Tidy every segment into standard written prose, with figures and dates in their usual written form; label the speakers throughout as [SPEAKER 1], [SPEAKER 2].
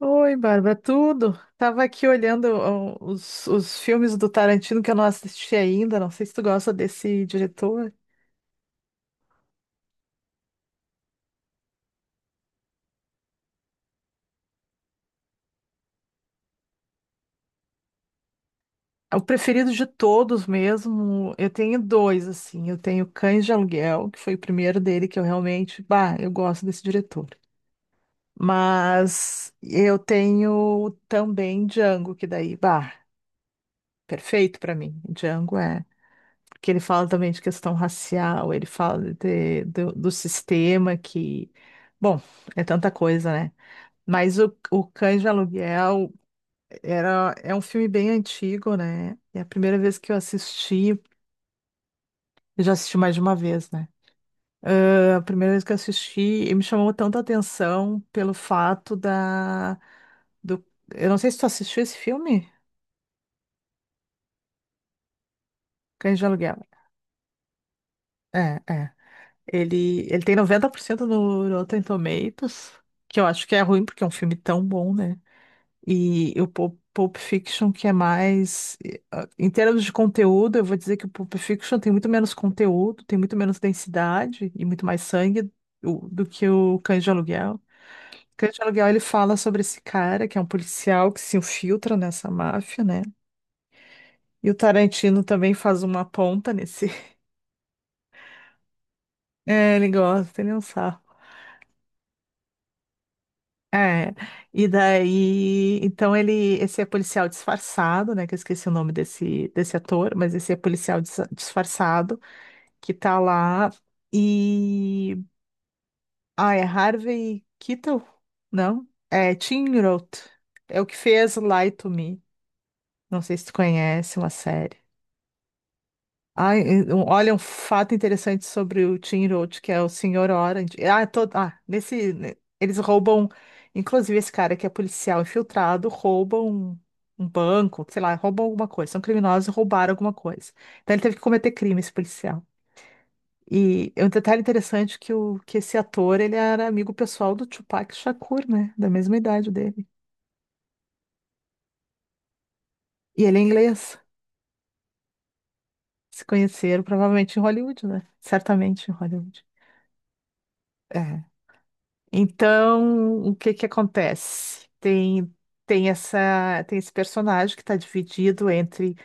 [SPEAKER 1] Oi, Bárbara, tudo? Tava aqui olhando os filmes do Tarantino que eu não assisti ainda. Não sei se tu gosta desse diretor. É o preferido de todos mesmo. Eu tenho dois, assim. Eu tenho Cães de Aluguel, que foi o primeiro dele que eu realmente, bah, eu gosto desse diretor. Mas eu tenho também Django, que daí, bah, perfeito pra mim. Django é que ele fala também de questão racial, ele fala do sistema que, bom, é tanta coisa, né? Mas o Cães de Aluguel é um filme bem antigo, né? É a primeira vez que eu assisti, eu já assisti mais de uma vez, né? Ah, a primeira vez que eu assisti, e me chamou tanta atenção pelo fato do, eu não sei se tu assistiu esse filme, Cães de Aluguel. É, é. Ele tem 90% no Rotten Tomatoes, que eu acho que é ruim porque é um filme tão bom, né? E o Pulp Fiction, que é mais. Em termos de conteúdo, eu vou dizer que o Pulp Fiction tem muito menos conteúdo, tem muito menos densidade e muito mais sangue do que o Cães de Aluguel. Cães de Aluguel, ele fala sobre esse cara, que é um policial que se infiltra nessa máfia, né? E o Tarantino também faz uma ponta nesse. É, ele gosta, ele é um sarro. É, e daí, então ele, esse é policial disfarçado, né, que eu esqueci o nome desse ator, mas esse é policial disfarçado, que tá lá, e, ah, é Harvey Keitel? Não? É Tim Roth, é o que fez Lie to Me, não sei se tu conhece uma série. Ai, olha, um fato interessante sobre o Tim Roth, que é o Senhor Orange. Nesse, eles roubam, inclusive esse cara que é policial infiltrado, rouba um, um banco, sei lá, roubam alguma coisa. São criminosos e roubaram alguma coisa. Então ele teve que cometer crime, esse policial. E é um detalhe interessante que, que esse ator, ele era amigo pessoal do Tupac Shakur, né? Da mesma idade dele. E ele é inglês. Se conheceram provavelmente em Hollywood, né? Certamente em Hollywood. É. Então, o que que acontece? Tem esse personagem que está dividido entre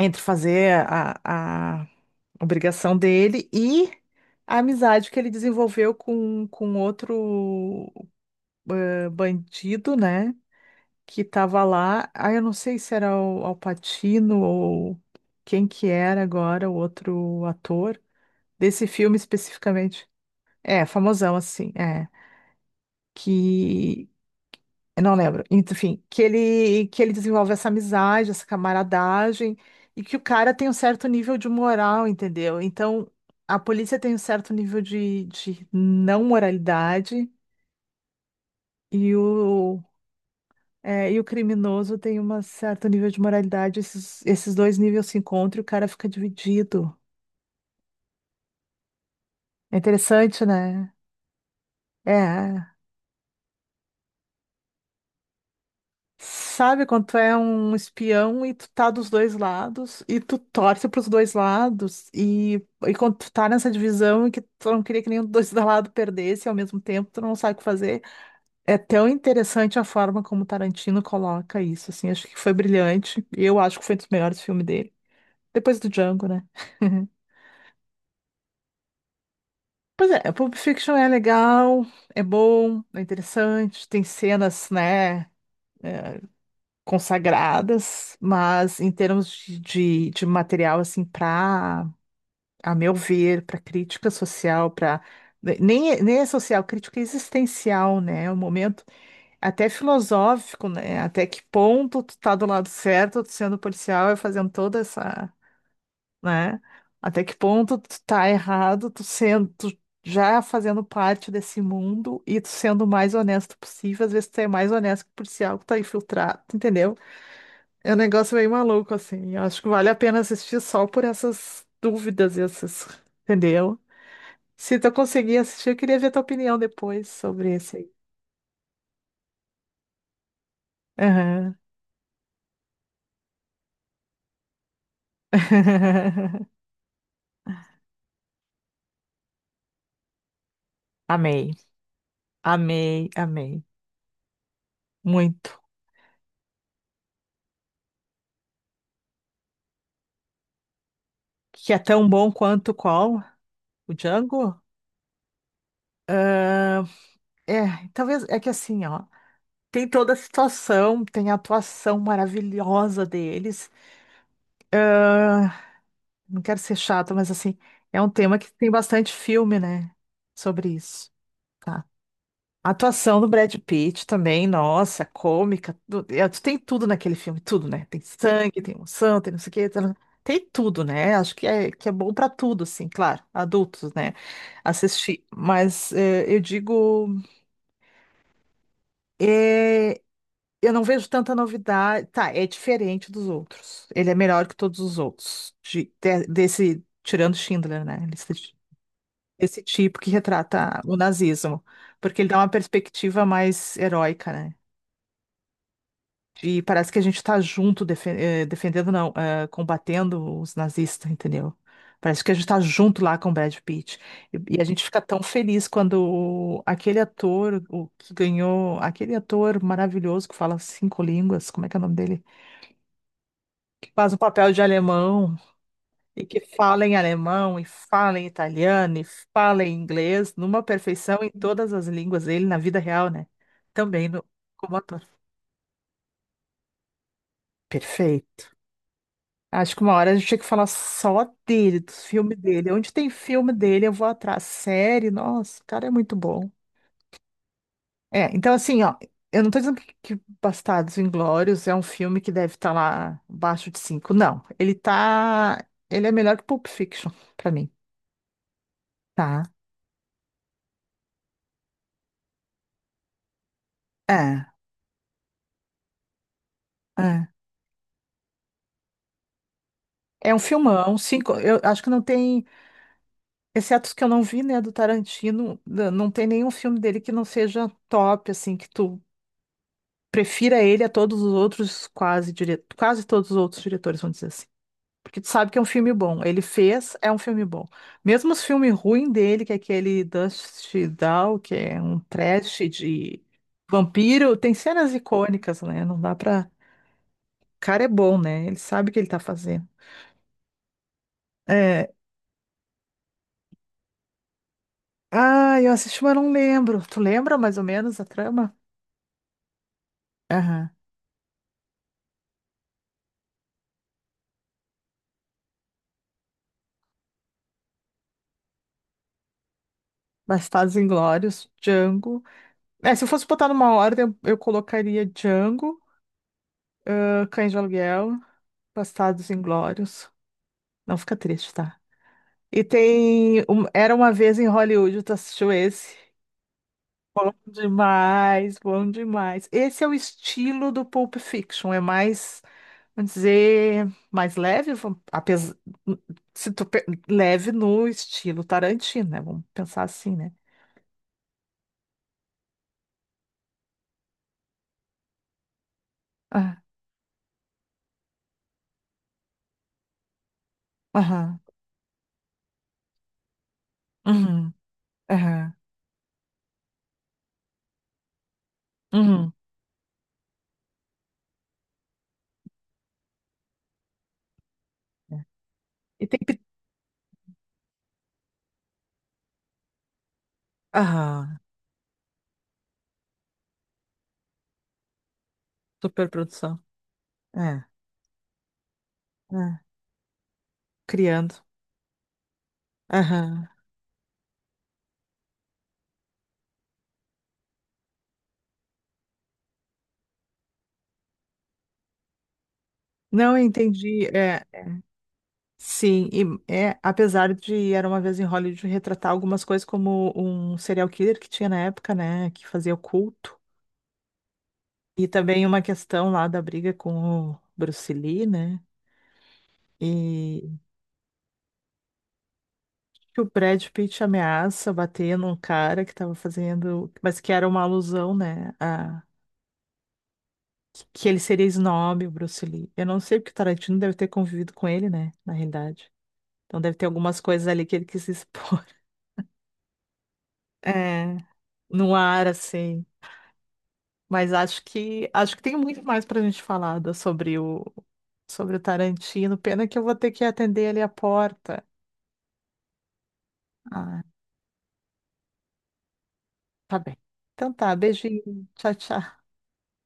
[SPEAKER 1] entre fazer a obrigação dele e a amizade que ele desenvolveu com outro bandido, né? Que estava lá. Ah, eu não sei se era o Al Pacino ou quem que era agora o outro ator desse filme especificamente. É, famosão assim, é. Que eu não lembro. Enfim, que ele desenvolve essa amizade, essa camaradagem, e que o cara tem um certo nível de moral, entendeu? Então, a polícia tem um certo nível de não moralidade, e o, é, e o criminoso tem um certo nível de moralidade. Esses dois níveis se encontram e o cara fica dividido. É interessante, né? É. Sabe quando tu é um espião e tu tá dos dois lados e tu torce pros dois lados e quando tu tá nessa divisão e que tu não queria que nenhum dos dois lados perdesse e ao mesmo tempo tu não sabe o que fazer. É tão interessante a forma como o Tarantino coloca isso, assim, acho que foi brilhante. E eu acho que foi um dos melhores filmes dele. Depois do Django, né? Pois é, Pulp Fiction é legal, é bom, é interessante, tem cenas, né? É, consagradas, mas em termos de material, assim, para, a meu ver, para crítica social, para. Nem, nem é social, crítica é existencial, né? É um momento até filosófico, né? Até que ponto tu tá do lado certo, tu sendo policial e fazendo toda essa, né? Até que ponto tu tá errado, tu já fazendo parte desse mundo e tu sendo o mais honesto possível, às vezes tu é mais honesto que o policial que tá infiltrado, entendeu? É um negócio meio maluco, assim. Eu acho que vale a pena assistir só por essas dúvidas e essas, entendeu? Se tu conseguir assistir, eu queria ver tua opinião depois sobre esse aí. Aham. Amei, amei, amei. Muito. Que é tão bom quanto qual? O Django? Ah, é, talvez é que assim, ó, tem toda a situação, tem a atuação maravilhosa deles. Ah, não quero ser chato, mas assim, é um tema que tem bastante filme, né? Sobre isso. Tá. A atuação do Brad Pitt também, nossa, cômica. Tu tem tudo naquele filme, tudo, né? Tem sangue, tem emoção, tem não sei o quê. Tá, tá, tá. Tem tudo, né? Acho que que é bom pra tudo, assim, claro, adultos, né? Assistir. Mas é, eu digo, é, eu não vejo tanta novidade. Tá, é diferente dos outros. Ele é melhor que todos os outros. Desse, tirando Schindler, né? Lista de esse tipo que retrata o nazismo, porque ele dá uma perspectiva mais heróica, né? E parece que a gente está junto, defendendo, não, combatendo os nazistas, entendeu? Parece que a gente está junto lá com o Brad Pitt. E a gente fica tão feliz quando aquele ator, o que ganhou, aquele ator maravilhoso que fala cinco línguas, como é que é o nome dele? Que faz um papel de alemão. E que fala em alemão, e fala em italiano, e fala em inglês, numa perfeição em todas as línguas dele na vida real, né? Também no, como ator. Perfeito. Acho que uma hora a gente tinha que falar só dele, dos filmes dele. Onde tem filme dele, eu vou atrás. Série, nossa, o cara é muito bom. É, então assim, ó, eu não tô dizendo que Bastardos Inglórios é um filme que deve estar lá abaixo de cinco, não. Ele é melhor que Pulp Fiction, pra mim, tá? É, é. É um filmão, cinco, eu acho que não tem, exceto os que eu não vi, né, do Tarantino, não tem nenhum filme dele que não seja top, assim, que tu prefira ele a todos os outros, quase, quase todos os outros diretores, vamos dizer assim. Porque tu sabe que é um filme bom, ele fez, é um filme bom. Mesmo os filmes ruins dele, que é aquele Dust Down, que é um trash de vampiro, tem cenas icônicas, né, não dá pra... O cara é bom, né, ele sabe o que ele tá fazendo. É, ah, eu assisti, mas não lembro. Tu lembra mais ou menos a trama? Aham. Bastardos Inglórios, Django. É, se eu fosse botar numa ordem, eu colocaria Django, ah, Cães de Aluguel, Bastardos Inglórios. Não fica triste, tá? E tem Era Uma Vez em Hollywood, tu assistiu esse? Bom demais, bom demais. Esse é o estilo do Pulp Fiction, é mais vamos dizer mais leve, vamos- apes- se tu pe- leve no estilo Tarantino, né? Vamos pensar assim, né? Ah, aham, uhum, aham, uhum. É. E tem que. Aham, superprodução. É, é, criando. Aham. Não, eu entendi. É, sim, e, é, apesar de Era Uma Vez em Hollywood retratar algumas coisas como um serial killer que tinha na época, né? Que fazia o culto. E também uma questão lá da briga com o Bruce Lee, né? E que o Brad Pitt ameaça bater num cara que tava fazendo, mas que era uma alusão, né, a que ele seria snob, o Bruce Lee. Eu não sei porque o Tarantino deve ter convivido com ele, né, na realidade. Então deve ter algumas coisas ali que ele quis expor. É, no ar assim. Mas acho que tem muito mais pra gente falar sobre o sobre o Tarantino. Pena que eu vou ter que atender ali a porta. Ah, tá bem. Então tá, beijinho. Tchau, tchau.